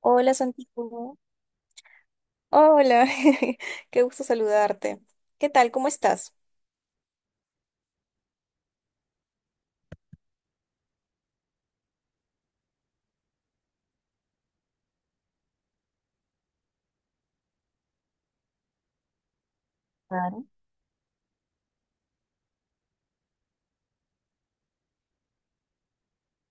Hola Santiago. Hola, qué gusto saludarte. ¿Qué tal? ¿Cómo estás? Claro.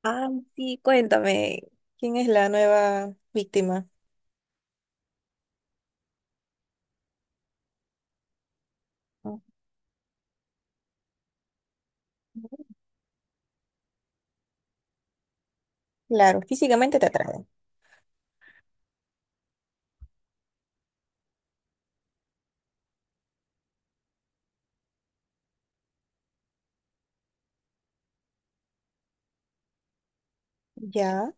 Ah, sí, cuéntame, ¿quién es la nueva víctima? Ujú. Claro, físicamente te atrae. Ya.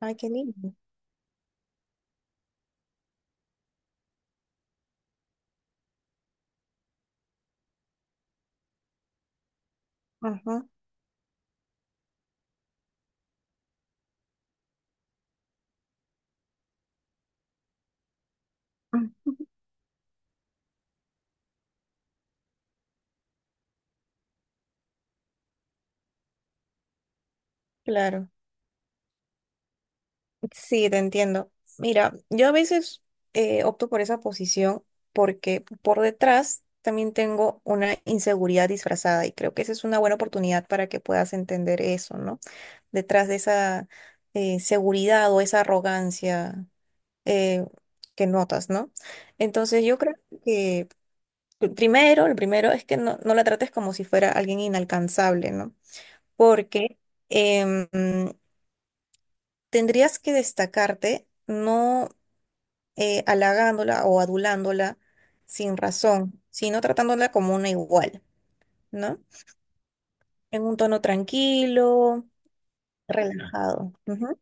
Ay, qué lindo. Ajá. Claro. Sí, te entiendo. Mira, yo a veces opto por esa posición porque por detrás también tengo una inseguridad disfrazada y creo que esa es una buena oportunidad para que puedas entender eso, ¿no? Detrás de esa seguridad o esa arrogancia eh, que notas, ¿no? Entonces yo creo que lo primero es que no la trates como si fuera alguien inalcanzable, ¿no? Porque em, tendrías que destacarte no halagándola o adulándola sin razón, sino tratándola como una igual, ¿no? En un tono tranquilo, relajado. Ujú,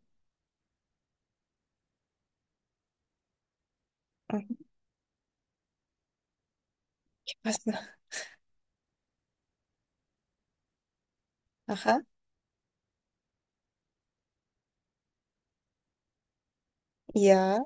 ujú. ¿Qué pasa? Ajá, ya.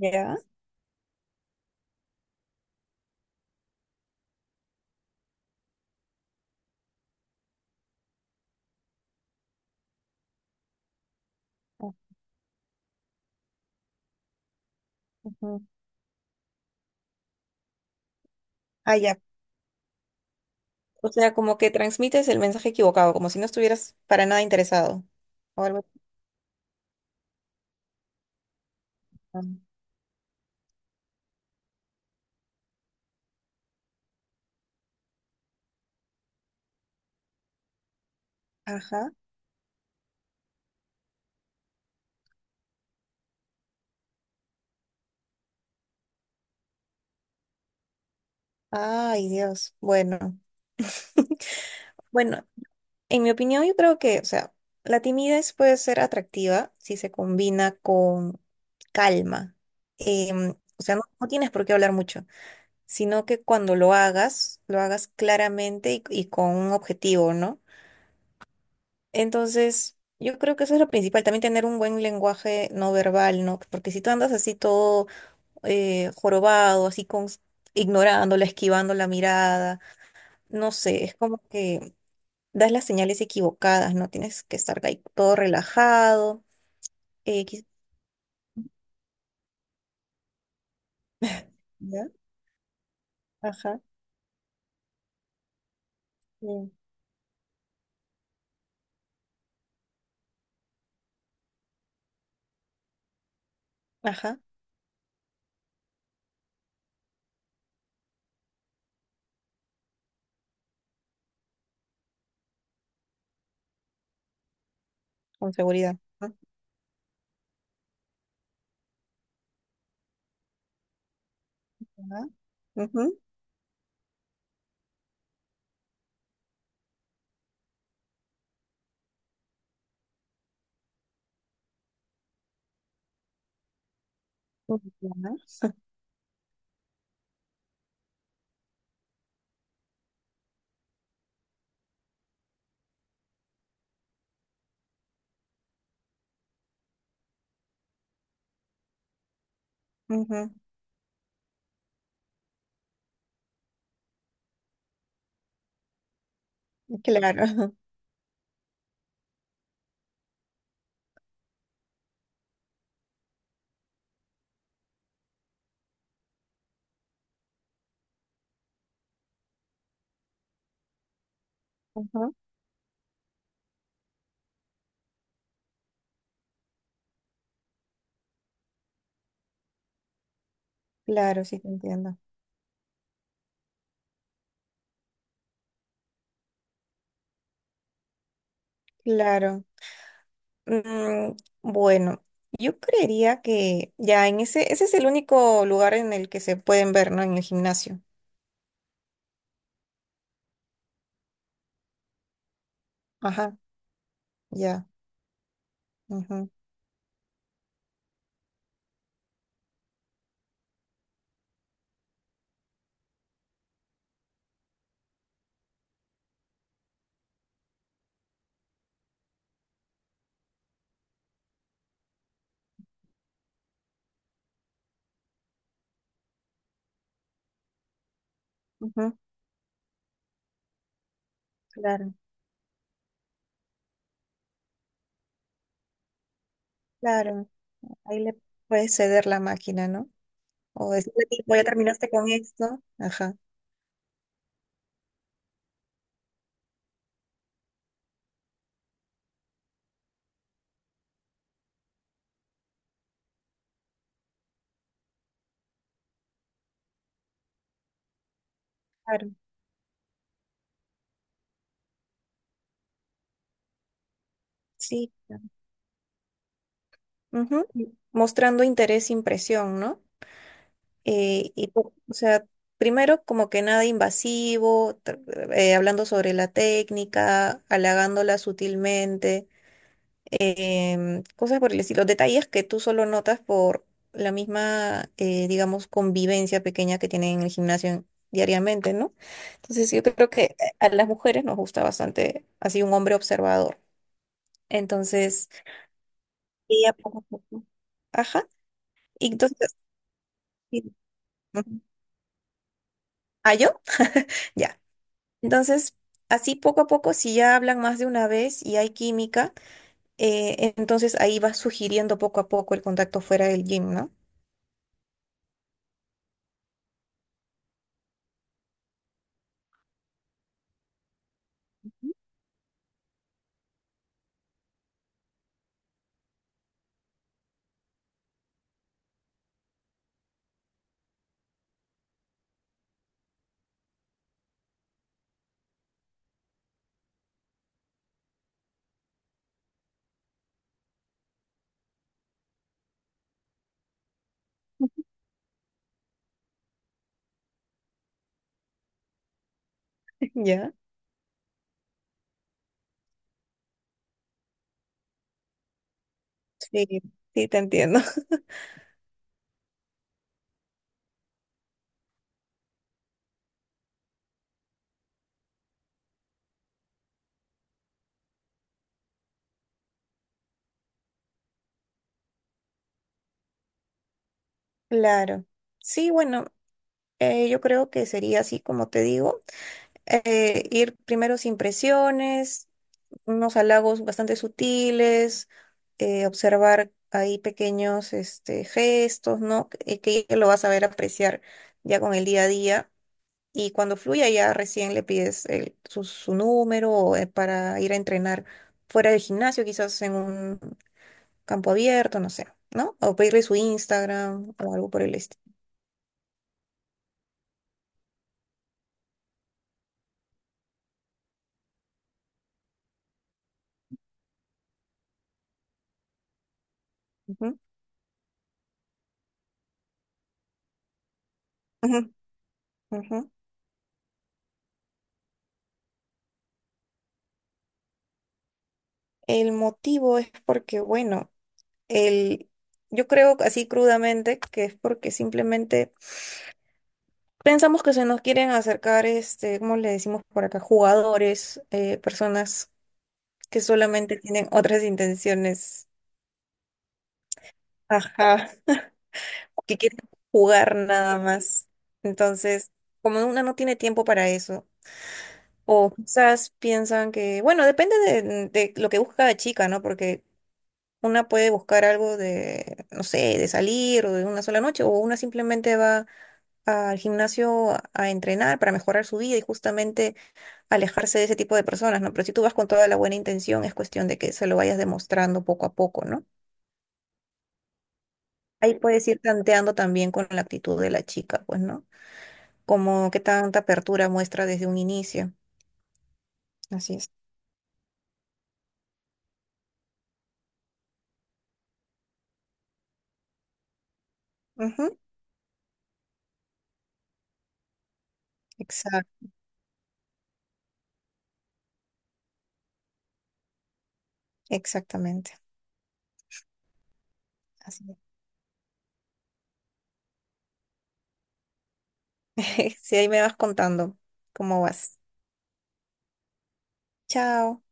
Ya. Ujú. Ah, ya. O sea, como que transmites el mensaje equivocado, como si no estuvieras para nada interesado. O algo. Así. Ajá. Ay, Dios. Bueno. Bueno, en mi opinión, yo creo que, o sea, la timidez puede ser atractiva si se combina con calma. Em, o sea, no tienes por qué hablar mucho, sino que cuando lo hagas claramente y con un objetivo, ¿no? Entonces, yo creo que eso es lo principal, también tener un buen lenguaje no verbal, ¿no? Porque si tú andas así todo jorobado, así con, ignorándola, esquivando la mirada, no sé, es como que das las señales equivocadas, ¿no? Tienes que estar ahí todo relajado, eh, quiz- ¿ya? Ajá, mm, ajá, con seguridad. Ajá, ujú, ujú, ujú, Claro, ujú, claro, sí te entiendo. Claro. Mm, bueno, yo creería que ya en ese es el único lugar en el que se pueden ver, ¿no? En el gimnasio. Ajá, ya. Ujú, ujú, claro, claro. Ahí le puedes ceder la máquina, ¿no? O decirle, tipo, ya terminaste con esto. Ajá, claro. Sí. Claro, ujú, mostrando interés, e impresión, ¿no? O sea, primero como que nada invasivo, hablando sobre la técnica, halagándola sutilmente cosas por el estilo, detalles que tú solo notas por la misma, digamos, convivencia pequeña que tienen en el gimnasio diariamente, ¿no? Entonces yo creo que a las mujeres nos gusta bastante así un hombre observador. Entonces, ella poco a poco. Ajá. Y entonces, sí. Ujú. ¿Ah, yo? Ya. Entonces, así poco a poco, si ya hablan más de una vez y hay química, entonces ahí vas sugiriendo poco a poco el contacto fuera del gym, ¿no? Ya. Sí, sí, te entiendo. Claro. Sí, bueno, yo creo que sería así como te digo, ir primero sin presiones, unos halagos bastante sutiles, observar ahí pequeños este, gestos, ¿no? Que ella lo vas a ver apreciar ya con el día a día. Y cuando fluya ya recién le pides su, su número o, para ir a entrenar fuera del gimnasio, quizás en un campo abierto, no sé, ¿no? O pedirle su Instagram o algo por el estilo. Ujú, ujú, ujú. El motivo es porque, bueno, el, yo creo así crudamente que es porque simplemente pensamos que se nos quieren acercar, este, ¿cómo le decimos por acá? Jugadores, personas que solamente tienen otras intenciones, ajá, que quieren jugar nada más. Entonces, como una no tiene tiempo para eso. O quizás piensan que, bueno, depende de lo que busca cada chica, ¿no? Porque una puede buscar algo de, no sé, de salir o de una sola noche, o una simplemente va al gimnasio a entrenar para mejorar su vida y justamente alejarse de ese tipo de personas, ¿no? Pero si tú vas con toda la buena intención, es cuestión de que se lo vayas demostrando poco a poco, ¿no? Ahí puedes ir tanteando también con la actitud de la chica, pues, ¿no? Como qué tanta apertura muestra desde un inicio. Así es. Ujú. Exacto, exactamente. Así si ahí me vas contando cómo vas. Chao.